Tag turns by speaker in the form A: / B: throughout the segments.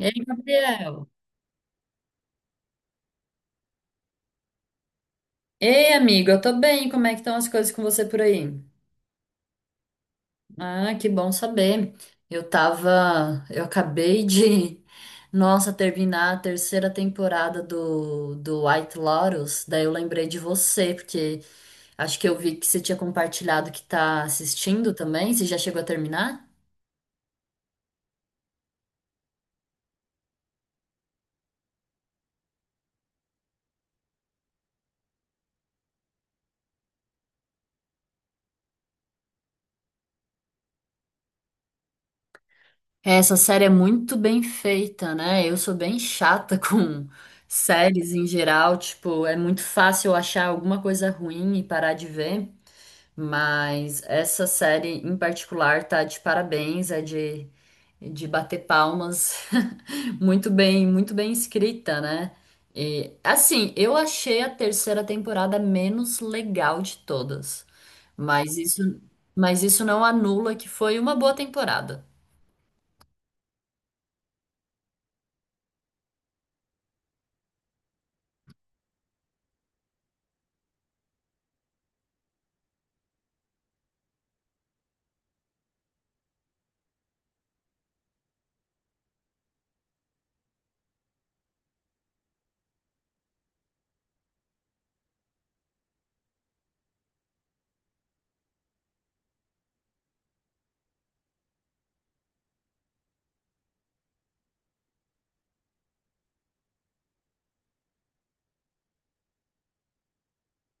A: Ei, Gabriel. Ei, amigo, eu tô bem. Como é que estão as coisas com você por aí? Ah, que bom saber. Eu acabei de, nossa, terminar a terceira temporada do White Lotus. Daí eu lembrei de você, porque acho que eu vi que você tinha compartilhado que tá assistindo também. Você já chegou a terminar? Essa série é muito bem feita, né? Eu sou bem chata com séries em geral, tipo, é muito fácil eu achar alguma coisa ruim e parar de ver, mas essa série em particular tá de parabéns, de bater palmas. Muito bem escrita, né? E assim, eu achei a terceira temporada menos legal de todas, mas isso, mas isso não anula que foi uma boa temporada.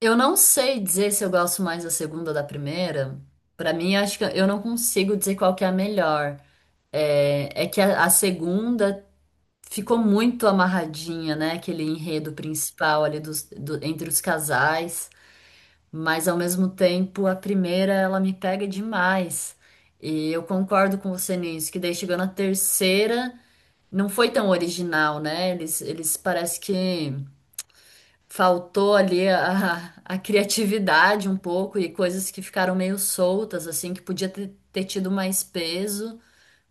A: Eu não sei dizer se eu gosto mais da segunda ou da primeira. Pra mim, acho que eu não consigo dizer qual que é a melhor. É, é que a segunda ficou muito amarradinha, né? Aquele enredo principal ali entre os casais. Mas ao mesmo tempo, a primeira ela me pega demais. E eu concordo com você nisso, que daí chegando a terceira, não foi tão original, né? Eles parece que faltou ali a criatividade um pouco e coisas que ficaram meio soltas, assim, que podia ter tido mais peso,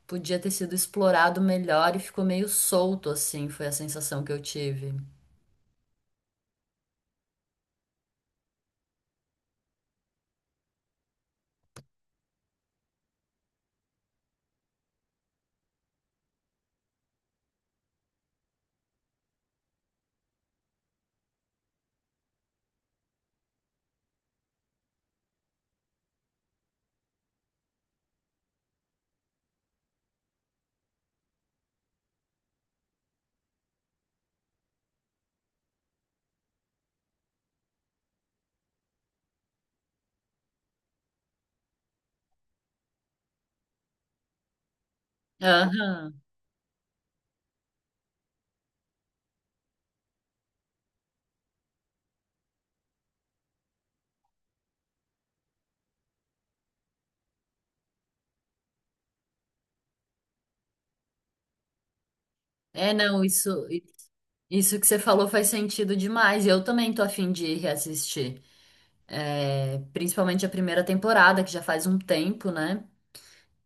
A: podia ter sido explorado melhor e ficou meio solto, assim, foi a sensação que eu tive. Aham. É, não, isso que você falou faz sentido demais. Eu também tô a fim de reassistir. É, principalmente a primeira temporada, que já faz um tempo, né?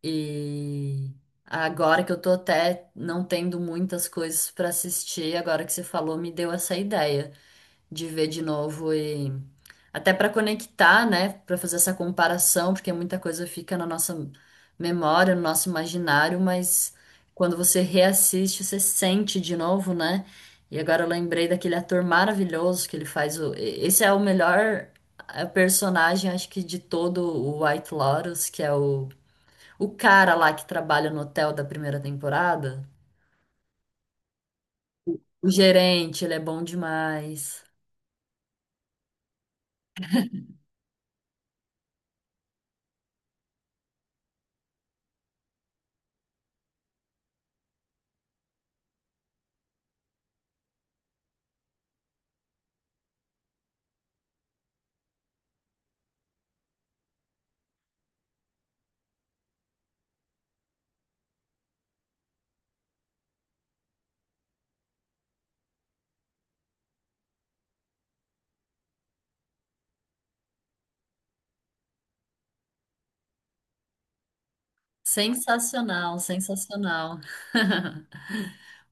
A: E agora que eu tô até não tendo muitas coisas pra assistir, agora que você falou, me deu essa ideia de ver de novo e até pra conectar, né, pra fazer essa comparação, porque muita coisa fica na nossa memória, no nosso imaginário, mas quando você reassiste, você sente de novo, né? E agora eu lembrei daquele ator maravilhoso que ele faz o... Esse é o melhor personagem, acho que de todo o White Lotus, que é o cara lá que trabalha no hotel da primeira temporada, o gerente, ele é bom demais. Sensacional, sensacional.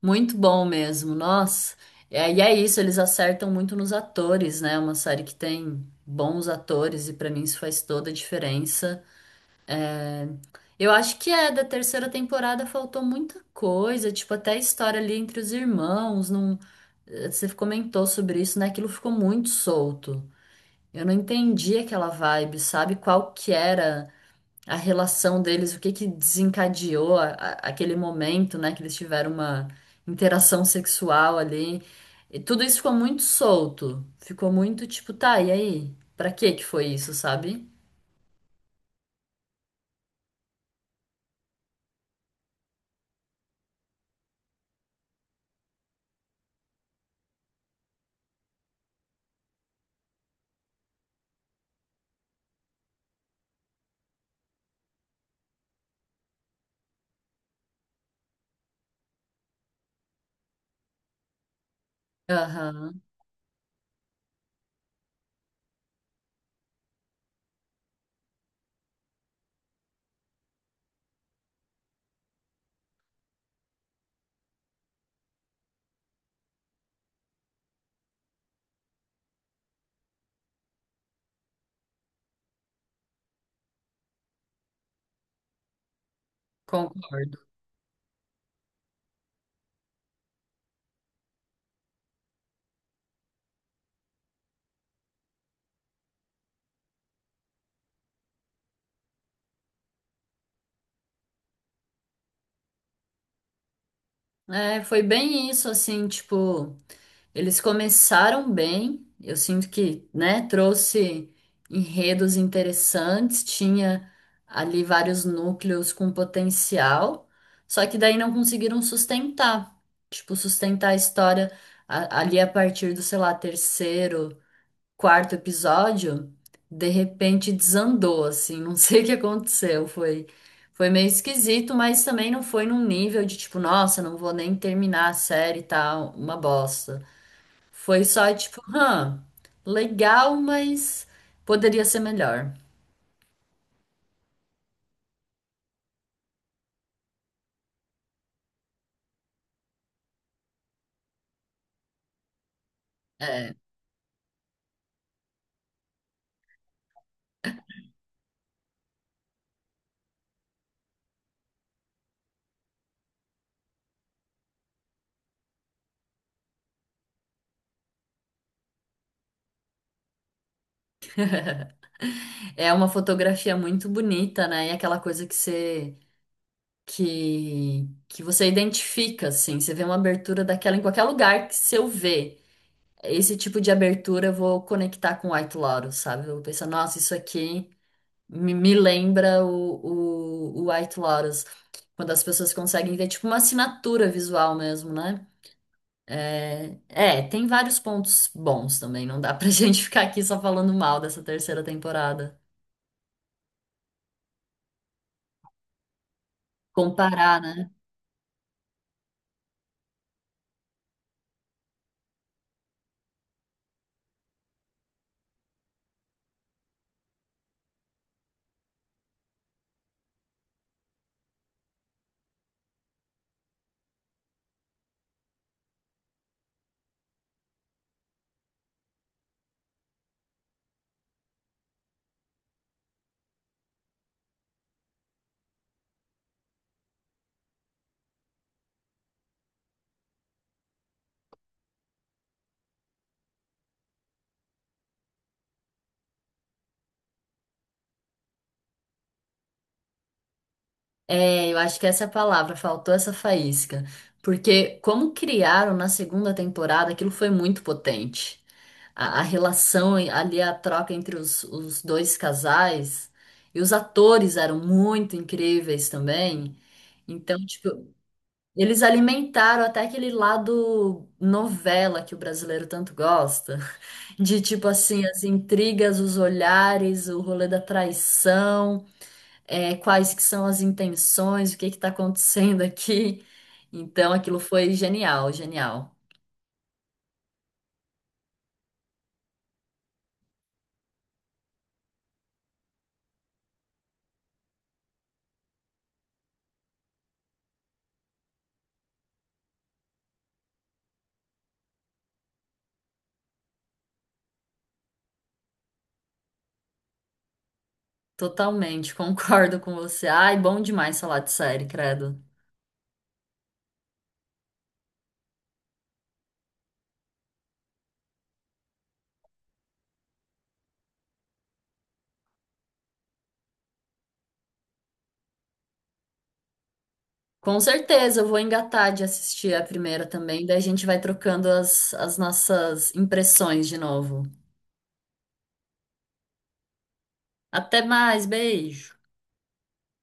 A: Muito bom mesmo, nossa. É, e é isso, eles acertam muito nos atores, né? É uma série que tem bons atores e pra mim isso faz toda a diferença. Eu acho que é, da terceira temporada faltou muita coisa, tipo, até a história ali entre os irmãos, não... Você comentou sobre isso, né? Aquilo ficou muito solto. Eu não entendi aquela vibe, sabe? Qual que era a relação deles, o que que desencadeou aquele momento, né? Que eles tiveram uma interação sexual ali. E tudo isso ficou muito solto. Ficou muito tipo, tá, e aí? Pra que que foi isso, sabe? Aham, concordo. É, foi bem isso, assim, tipo. Eles começaram bem, eu sinto que, né, trouxe enredos interessantes, tinha ali vários núcleos com potencial, só que daí não conseguiram sustentar, tipo, sustentar a história ali a partir do, sei lá, terceiro, quarto episódio, de repente desandou, assim, não sei o que aconteceu, foi meio esquisito, mas também não foi num nível de tipo, nossa, não vou nem terminar a série e tal, uma bosta. Foi só tipo, legal, mas poderia ser melhor. É, é uma fotografia muito bonita, né? E aquela coisa que você identifica, assim, você vê uma abertura daquela em qualquer lugar que se eu ver esse tipo de abertura, eu vou conectar com White Lotus, sabe? Eu vou pensar, nossa, isso aqui me lembra o White Lotus. Quando as pessoas conseguem ver, tipo, uma assinatura visual mesmo, né? É, é, tem vários pontos bons também. Não dá pra gente ficar aqui só falando mal dessa terceira temporada. Comparar, né? É, eu acho que essa é a palavra. Faltou essa faísca. Porque como criaram na segunda temporada, aquilo foi muito potente. A relação e ali, a troca entre os dois casais. E os atores eram muito incríveis também. Então, tipo, eles alimentaram até aquele lado novela que o brasileiro tanto gosta. De tipo assim, as intrigas, os olhares, o rolê da traição, é, quais que são as intenções, o que que tá acontecendo aqui. Então, aquilo foi genial, genial. Totalmente, concordo com você. Ai, bom demais falar de série, credo. Com certeza, eu vou engatar de assistir a primeira também, daí a gente vai trocando as nossas impressões de novo. Até mais, beijo!